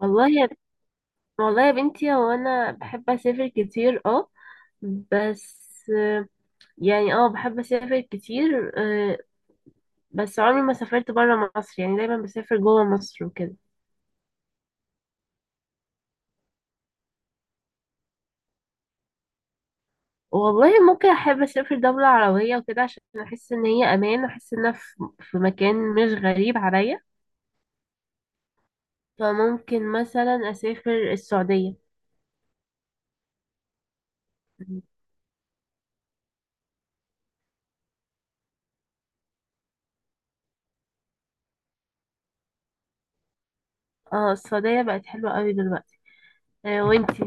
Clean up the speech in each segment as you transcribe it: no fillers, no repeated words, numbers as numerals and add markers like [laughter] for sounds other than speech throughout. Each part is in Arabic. والله يا والله يا بنتي، هو انا بحب اسافر كتير اه. بس آه، يعني بحب اسافر كتير بس عمري ما سافرت برا مصر، يعني دايما بسافر جوا مصر وكده. والله ممكن احب اسافر دولة عربية وكده عشان احس ان هي امان، واحس ان انا في مكان مش غريب عليا. فممكن مثلا اسافر السعودية. اه السعودية بقت حلوة قوي دلوقتي وانتي؟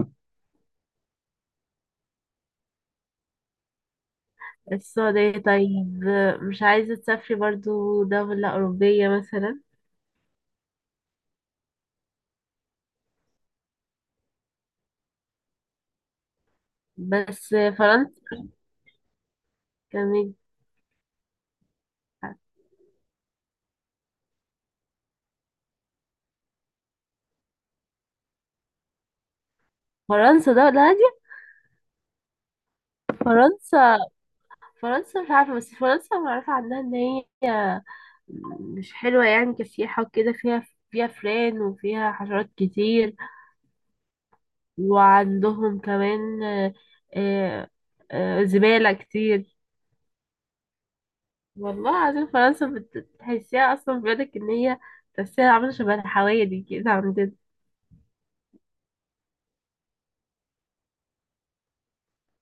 السعودية طيب، مش عايزة تسافري برضو دولة أوروبية مثلا؟ بس فرنسا كمان. فرنسا دولة هادية؟ فرنسا، فرنسا مش عارفة، بس فرنسا معروفة عنها إن هي مش حلوة يعني كسياحة وكده، فيها فئران وفيها حشرات كتير. وعندهم كمان آه، زبالة كتير. والله العظيم فرنسا بتحسيها أصلا، بيقولك إن هي تحسيها عاملة شبه الحوايا دي كده عندنا.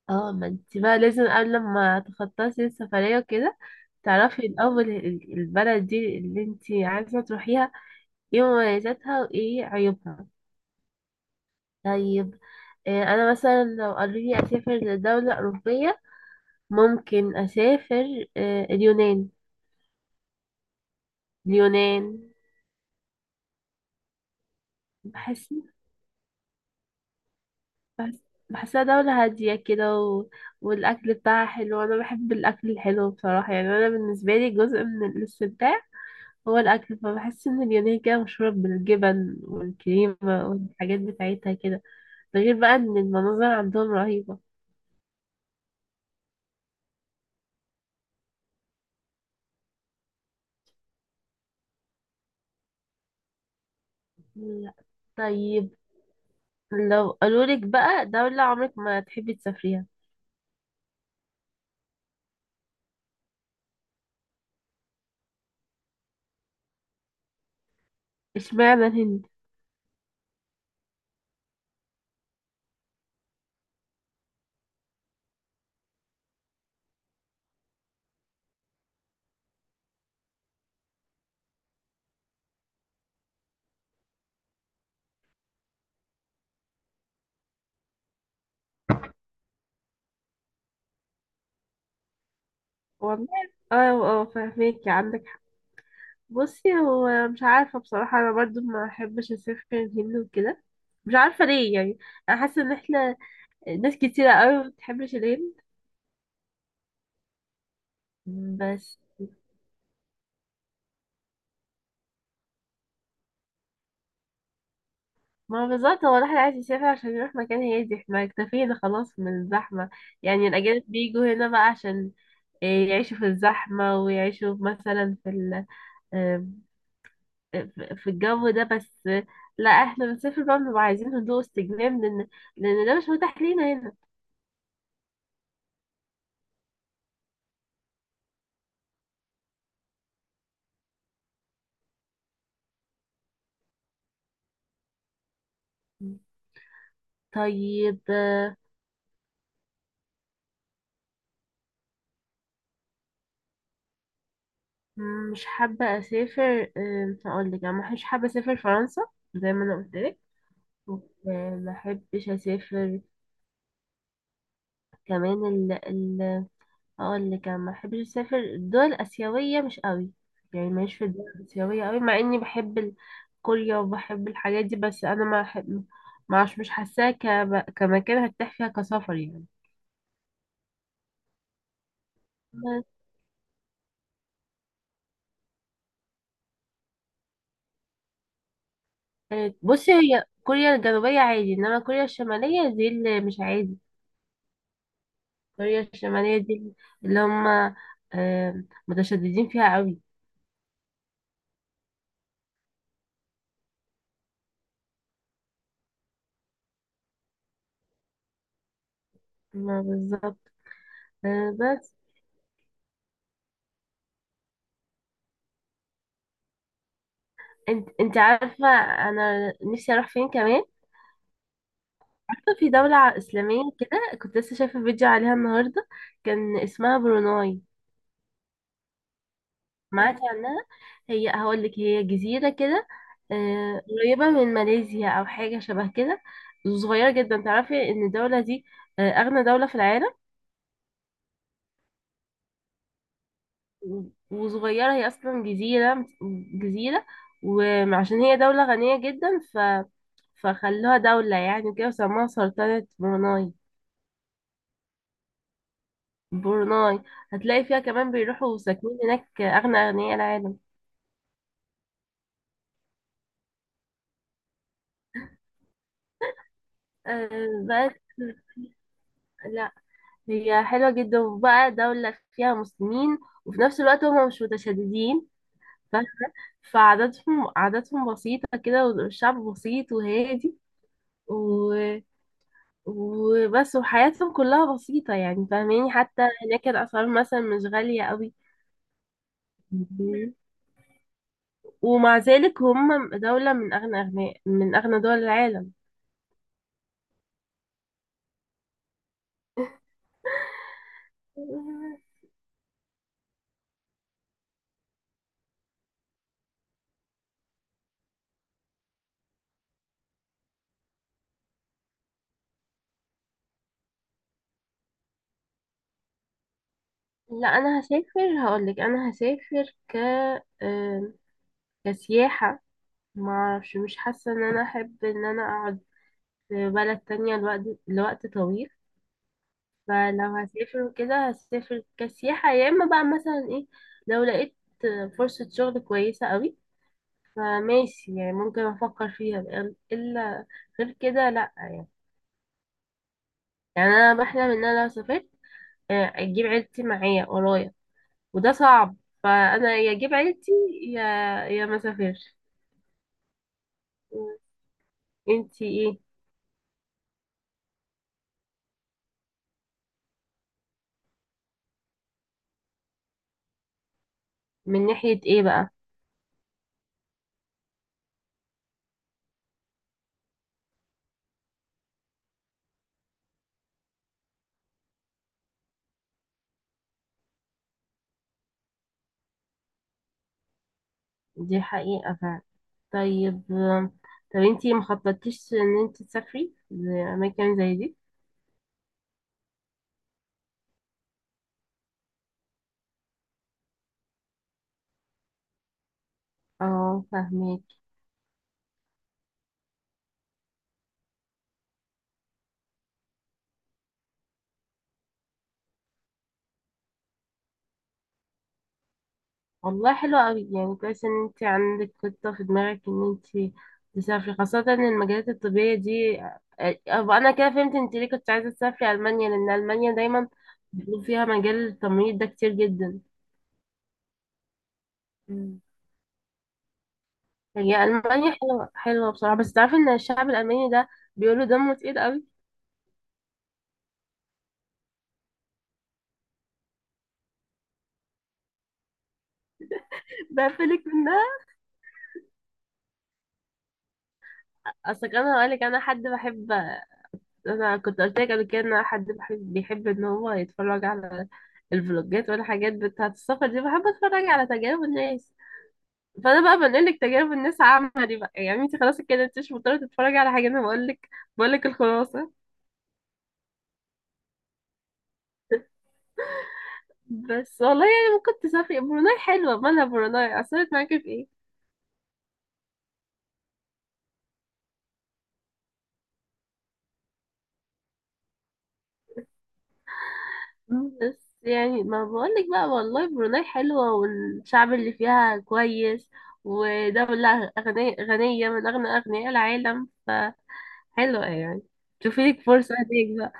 اه، ما انت بقى لازم قبل ما تخططي السفرية وكده تعرفي الأول البلد دي اللي انت عايزة تروحيها ايه مميزاتها وايه عيوبها. طيب انا مثلا لو قالوا لي اسافر لدولة أوروبية، ممكن اسافر اليونان. اليونان بحس بحس بحسها دولة هادية كده، و... والأكل بتاعها حلو، أنا بحب الأكل الحلو بصراحة. يعني أنا بالنسبة لي جزء من الاستمتاع هو الأكل، فبحس إن اليونان كده مشهورة بالجبن والكريمة والحاجات بتاعتها كده. ده غير بقى إن المناظر عندهم رهيبة. لا. طيب، لو قالولك بقى دولة عمرك ما تحبي تسافريها؟ اشمعنى الهند؟ والله، اه، اه فاهماكي عندك حق. بصي، هو مش عارفة بصراحة، أنا برضو ما أحبش أسافر الهند وكده، مش عارفة ليه يعني. أنا حاسة إن احنا ناس كتيرة أوي ما بتحبش الهند. بس ما بالظبط، هو الواحد عايز يسافر عشان يروح مكان هادي، احنا اكتفينا خلاص من الزحمة. يعني الأجانب بيجوا هنا بقى عشان إيه، يعيشوا في الزحمة ويعيشوا مثلا في ال آم، في في الجو ده. بس لا، احنا بنسافر بقى بنبقى عايزين هدوء واستجمام، لأن ده مش متاح لينا هنا. طيب مش حابة أسافر، أقول لك أنا مش حابة أسافر فرنسا زي ما أنا قلت لك. ومحبش أسافر كمان، اقول لك انا ما بحبش اسافر الدول الاسيويه مش قوي. يعني ماليش في الدول الاسيويه قوي، مع اني بحب كوريا وبحب الحاجات دي. بس انا ما أحب- ما عش- مش حاساها كمكان هرتاح فيها كسفر يعني. بس- بصي، هي كوريا الجنوبيه عادي، انما كوريا الشماليه دي اللي مش عادي. كوريا الشماليه دي اللي هم متشددين فيها قوي. ما بالظبط. بس انت عارفه، انا نفسي اروح فين كمان؟ عارفة في دولة إسلامية كده، كنت لسه شايفة فيديو عليها النهاردة، كان اسمها بروناي. معاك عنها؟ هي هقولك، هي جزيرة كده قريبة من ماليزيا أو حاجة شبه كده. صغيرة جدا. تعرفي إن الدولة دي أغنى دولة في العالم. و- وصغيرة، هي أصلا جزيرة، جزيرة. وعشان هي دولة غنية جدا فخلوها دولة يعني كده وسموها سلطنة بروناي. بروناي. هتلاقي فيها كمان بيروحوا ساكنين هناك أغنى أغنياء العالم. أه. بس لا، هي حلوة جدا، وبقى دولة فيها مسلمين، وفي نفس الوقت هم مش متشددين. ف- فعاداتهم بسيطة كده، والشعب بسيط وهادي، و... وبس، وحياتهم كلها بسيطة يعني، فاهماني؟ حتى هناك الأسعار مثلا مش غالية قوي. ومع ذلك هم دولة من أغنى أغنياء، من أغنى دول العالم. [laughs] لا انا هسافر، هقولك انا هسافر ك آم، كسياحة. ما اعرفش، مش حاسة ان انا احب ان انا اقعد في بلد تانية لوقت طويل. فلو هسافر وكده هسافر كسياحة، يا اما بقى مثلا ايه، لو لقيت فرصة شغل كويسة قوي فماشي يعني، ممكن افكر فيها بقى. الا غير كده لا يعني. يعني انا بحلم ان انا لو سافرت اجيب عيلتي معايا ورايا. وده صعب. فانا يا اجيب عيلتي، يا ما اسافرش. انتي ايه؟ من ناحية ايه بقى؟ دي حقيقة فعلا. طيب، طب انتي مخططتيش ان انتي تسافري لأماكن زي دي؟ اه فاهمك. والله حلو قوي يعني، كويس ان انتي عندك خطة في دماغك ان انتي تسافري، خاصة ان المجالات الطبية دي. أبقى انا كده فهمت انتي ليه كنت عايزة تسافري ألمانيا، لان ألمانيا دايما بيكون فيها مجال التمريض ده كتير جدا. هي ألمانيا حلوة حلوة بصراحة، بس تعرفي إن الشعب الألماني ده بيقولوا دمه تقيل قوي. بقفلك منها. أصل كان هقولك، أنا حد بحب، أنا كنت قلت لك قبل كده إن أنا حد بحب، بيحب إن هو يتفرج على الفلوجات والحاجات بتاعة السفر دي. بحب أتفرج على تجارب الناس. فأنا بقى بنقلك تجارب الناس عملي بقى، يعني أنت خلاص كده أنت مش مضطرة تتفرجي على حاجة، أنا بقولك الخلاصة. بس والله يعني ممكن تسافري بروناي، حلوة مالها بروناي أثرت معاكي في إيه؟ بس يعني ما بقولك بقى، والله بروناي حلوة، والشعب اللي فيها كويس، ودولة أغنية غنية من أغنى أغنياء العالم، فحلوة يعني. شوفي لك فرصة هديك بقى.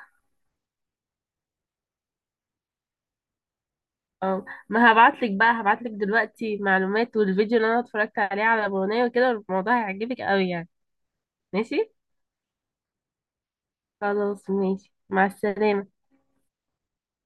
اه ما هبعتلك بقى، هبعتلك دلوقتي معلومات والفيديو اللي أنا اتفرجت عليه على بروناي وكده، الموضوع هيعجبك قوي يعني. ماشي، خلاص ماشي مع السلامة.